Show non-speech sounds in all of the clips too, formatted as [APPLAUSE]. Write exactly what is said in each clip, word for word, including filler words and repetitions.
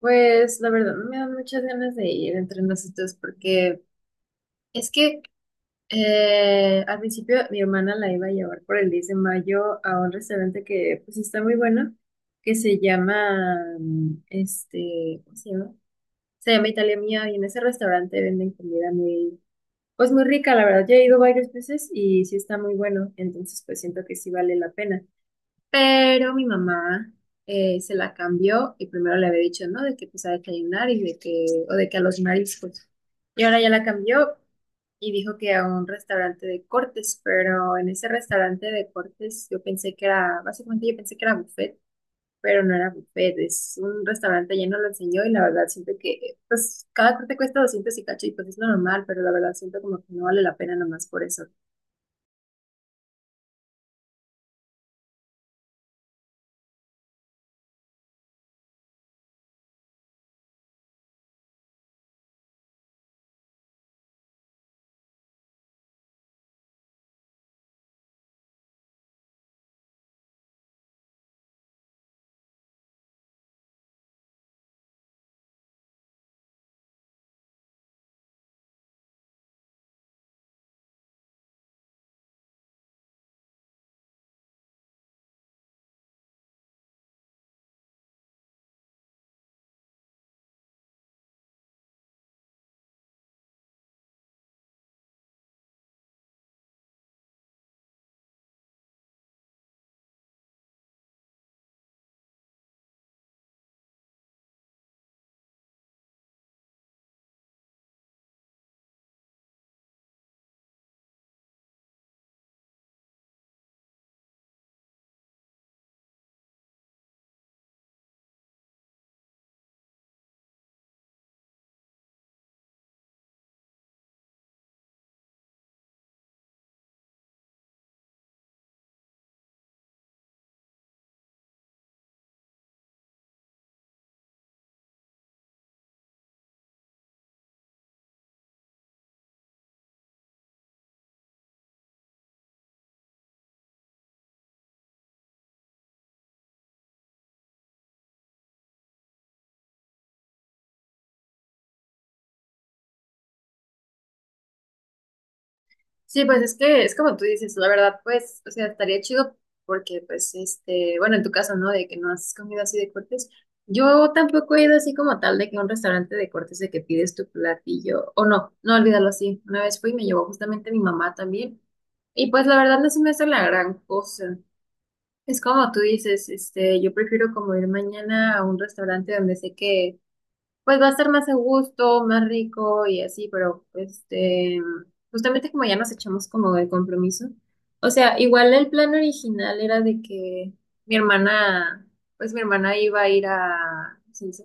Pues la verdad, me dan muchas ganas de ir entre nosotros porque es que eh, al principio mi hermana la iba a llevar por el diez de mayo a un restaurante que pues está muy bueno, que se llama, mm, este, ¿cómo se llama? Se llama Italia Mía, y en ese restaurante venden comida muy, pues muy rica, la verdad. Yo he ido varias veces y sí está muy bueno, entonces pues siento que sí vale la pena. Pero mi mamá eh, se la cambió, y primero le había dicho, ¿no? De que pues a desayunar, y de que, o de que a los mariscos. Y ahora ya la cambió y dijo que a un restaurante de cortes, pero en ese restaurante de cortes yo pensé que era, básicamente yo pensé que era buffet, pero no era buffet, es un restaurante, ya no lo enseñó, y la verdad siento que, pues cada corte cuesta doscientos y cacho y pues es normal, pero la verdad siento como que no vale la pena nomás por eso. Sí, pues es que es como tú dices, la verdad, pues, o sea, estaría chido porque, pues, este, bueno, en tu caso, ¿no? De que no has comido así de cortes. Yo tampoco he ido así como tal de que a un restaurante de cortes de que pides tu platillo, o no, no olvidarlo así. Una vez fui y me llevó justamente mi mamá también. Y pues la verdad no se me hace la gran cosa. Es como tú dices, este, yo prefiero como ir mañana a un restaurante donde sé que pues va a ser más a gusto, más rico y así, pero este, justamente como ya nos echamos como el compromiso. O sea, igual el plan original era de que mi hermana, pues mi hermana iba a ir a, ¿cómo se dice?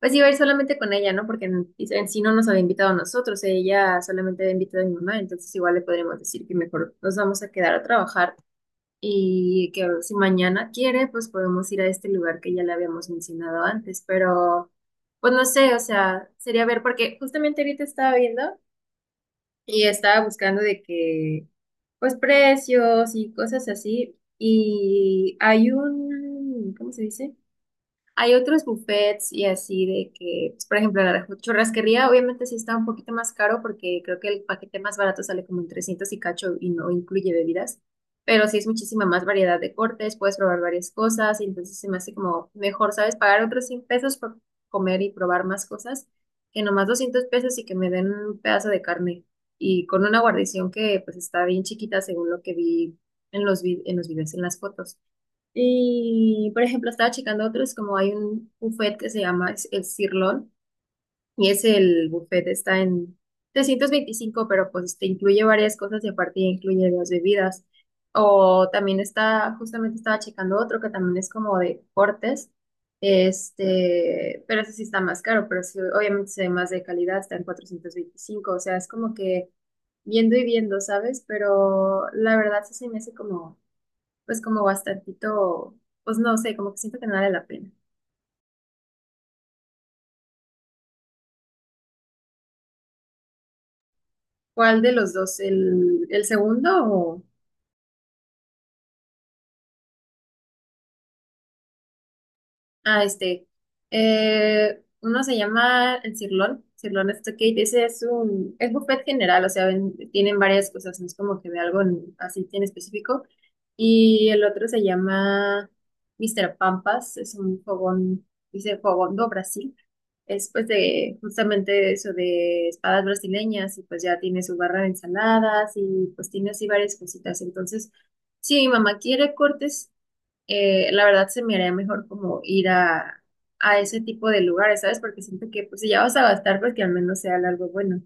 Pues iba a ir solamente con ella, ¿no? Porque en, en sí no nos había invitado a nosotros, ella solamente había invitado a mi mamá, entonces igual le podríamos decir que mejor nos vamos a quedar a trabajar y que si mañana quiere, pues podemos ir a este lugar que ya le habíamos mencionado antes, pero pues no sé, o sea, sería ver, porque justamente ahorita estaba viendo y estaba buscando de que, pues precios y cosas así, y hay un, ¿cómo se dice? Hay otros buffets y así de que, pues, por ejemplo, la churrasquería obviamente sí está un poquito más caro porque creo que el paquete más barato sale como en trescientos y cacho y no incluye bebidas, pero sí es muchísima más variedad de cortes, puedes probar varias cosas y entonces se me hace como mejor, ¿sabes? Pagar otros cien pesos por comer y probar más cosas que nomás doscientos pesos y que me den un pedazo de carne y con una guarnición que pues está bien chiquita según lo que vi en los, vi- en los videos, en las fotos. Y, por ejemplo, estaba checando otros, como hay un buffet que se llama es- el Cirlón, y es el buffet, está en trescientos veinticinco, pero pues te incluye varias cosas y aparte ya incluye las bebidas. O también está, justamente estaba checando otro que también es como de cortes, este, pero ese sí está más caro, pero sí, obviamente se ve más de calidad, está en cuatrocientos veinticinco, o sea, es como que viendo y viendo, ¿sabes? Pero la verdad sí se me hace como pues como bastantito, pues no sé, como que siento que no vale la pena. ¿Cuál de los dos? ¿El, el segundo o... ah, este. Eh, uno se llama el Cirlón. Cirlón Stockade. Ese es un... es buffet general, o sea, ven- tienen varias cosas. No es como que de algo en- así en específico. Y el otro se llama míster Pampas. Es un fogón. Dice fogón do Brasil. Es pues de justamente eso de espadas brasileñas. Y pues ya tiene su barra de ensaladas. Y pues tiene así varias cositas. Entonces, si mi mamá quiere cortes, eh, la verdad se me haría mejor como ir a, a ese tipo de lugares, ¿sabes? Porque siento que pues si ya vas a gastar, pues que al menos sea algo bueno.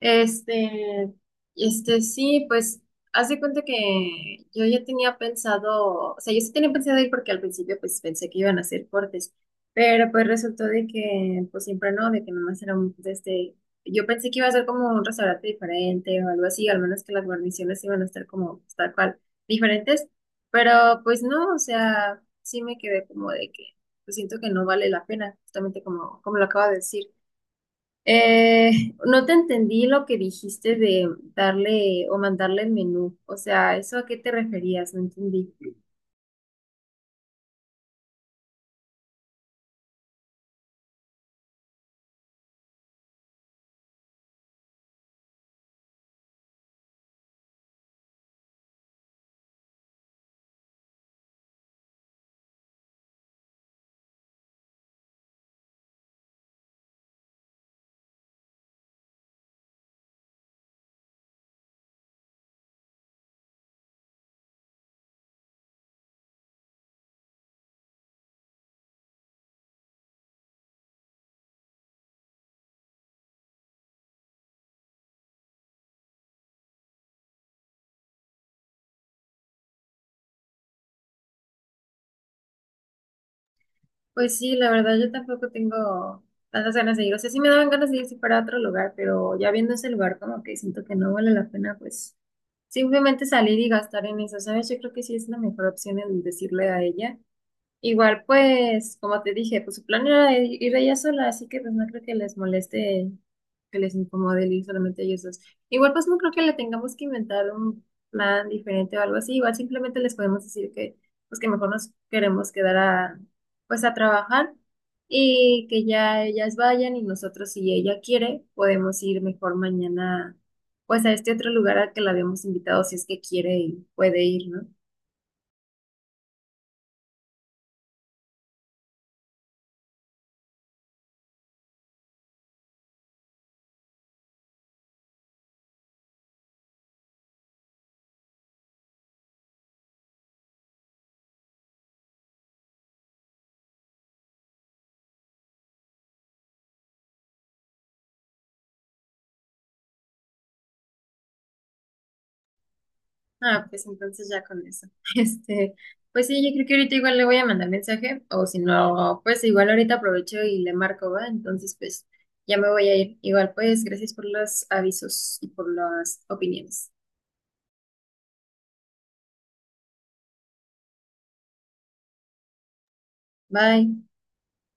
Este, este, sí, pues, haz de cuenta que yo ya tenía pensado, o sea, yo sí tenía pensado ir porque al principio, pues, pensé que iban a hacer cortes, pero pues resultó de que, pues, siempre no, de que nomás era un, de este, yo pensé que iba a ser como un restaurante diferente o algo así, al menos que las guarniciones iban a estar como, pues, tal cual, diferentes, pero pues no, o sea, sí me quedé como de que, pues, siento que no vale la pena, justamente como, como lo acabo de decir. Eh, no te entendí lo que dijiste de darle o mandarle el menú. O sea, ¿eso a qué te referías? No entendí. Pues sí, la verdad yo tampoco tengo tantas ganas de ir. O sea, sí me daban ganas de ir si fuera otro lugar, pero ya viendo ese lugar como que siento que no vale la pena, pues simplemente salir y gastar en eso, ¿sabes? Yo creo que sí es la mejor opción el decirle a ella. Igual, pues, como te dije, pues su plan era ir ir ella sola, así que pues no creo que les moleste, que les incomode el ir solamente ellos dos. Igual, pues no creo que le tengamos que inventar un plan diferente o algo así. Igual simplemente les podemos decir que, pues que mejor nos queremos quedar a, pues a trabajar, y que ya ellas vayan y nosotros, si ella quiere, podemos ir mejor mañana, pues a este otro lugar al que la habíamos invitado, si es que quiere y puede ir, ¿no? Ah, pues entonces ya con eso. [LAUGHS] Este, pues sí, yo creo que ahorita igual le voy a mandar mensaje, o si no, pues igual ahorita aprovecho y le marco, ¿va? Entonces, pues ya me voy a ir. Igual, pues gracias por los avisos y por las opiniones. Bye.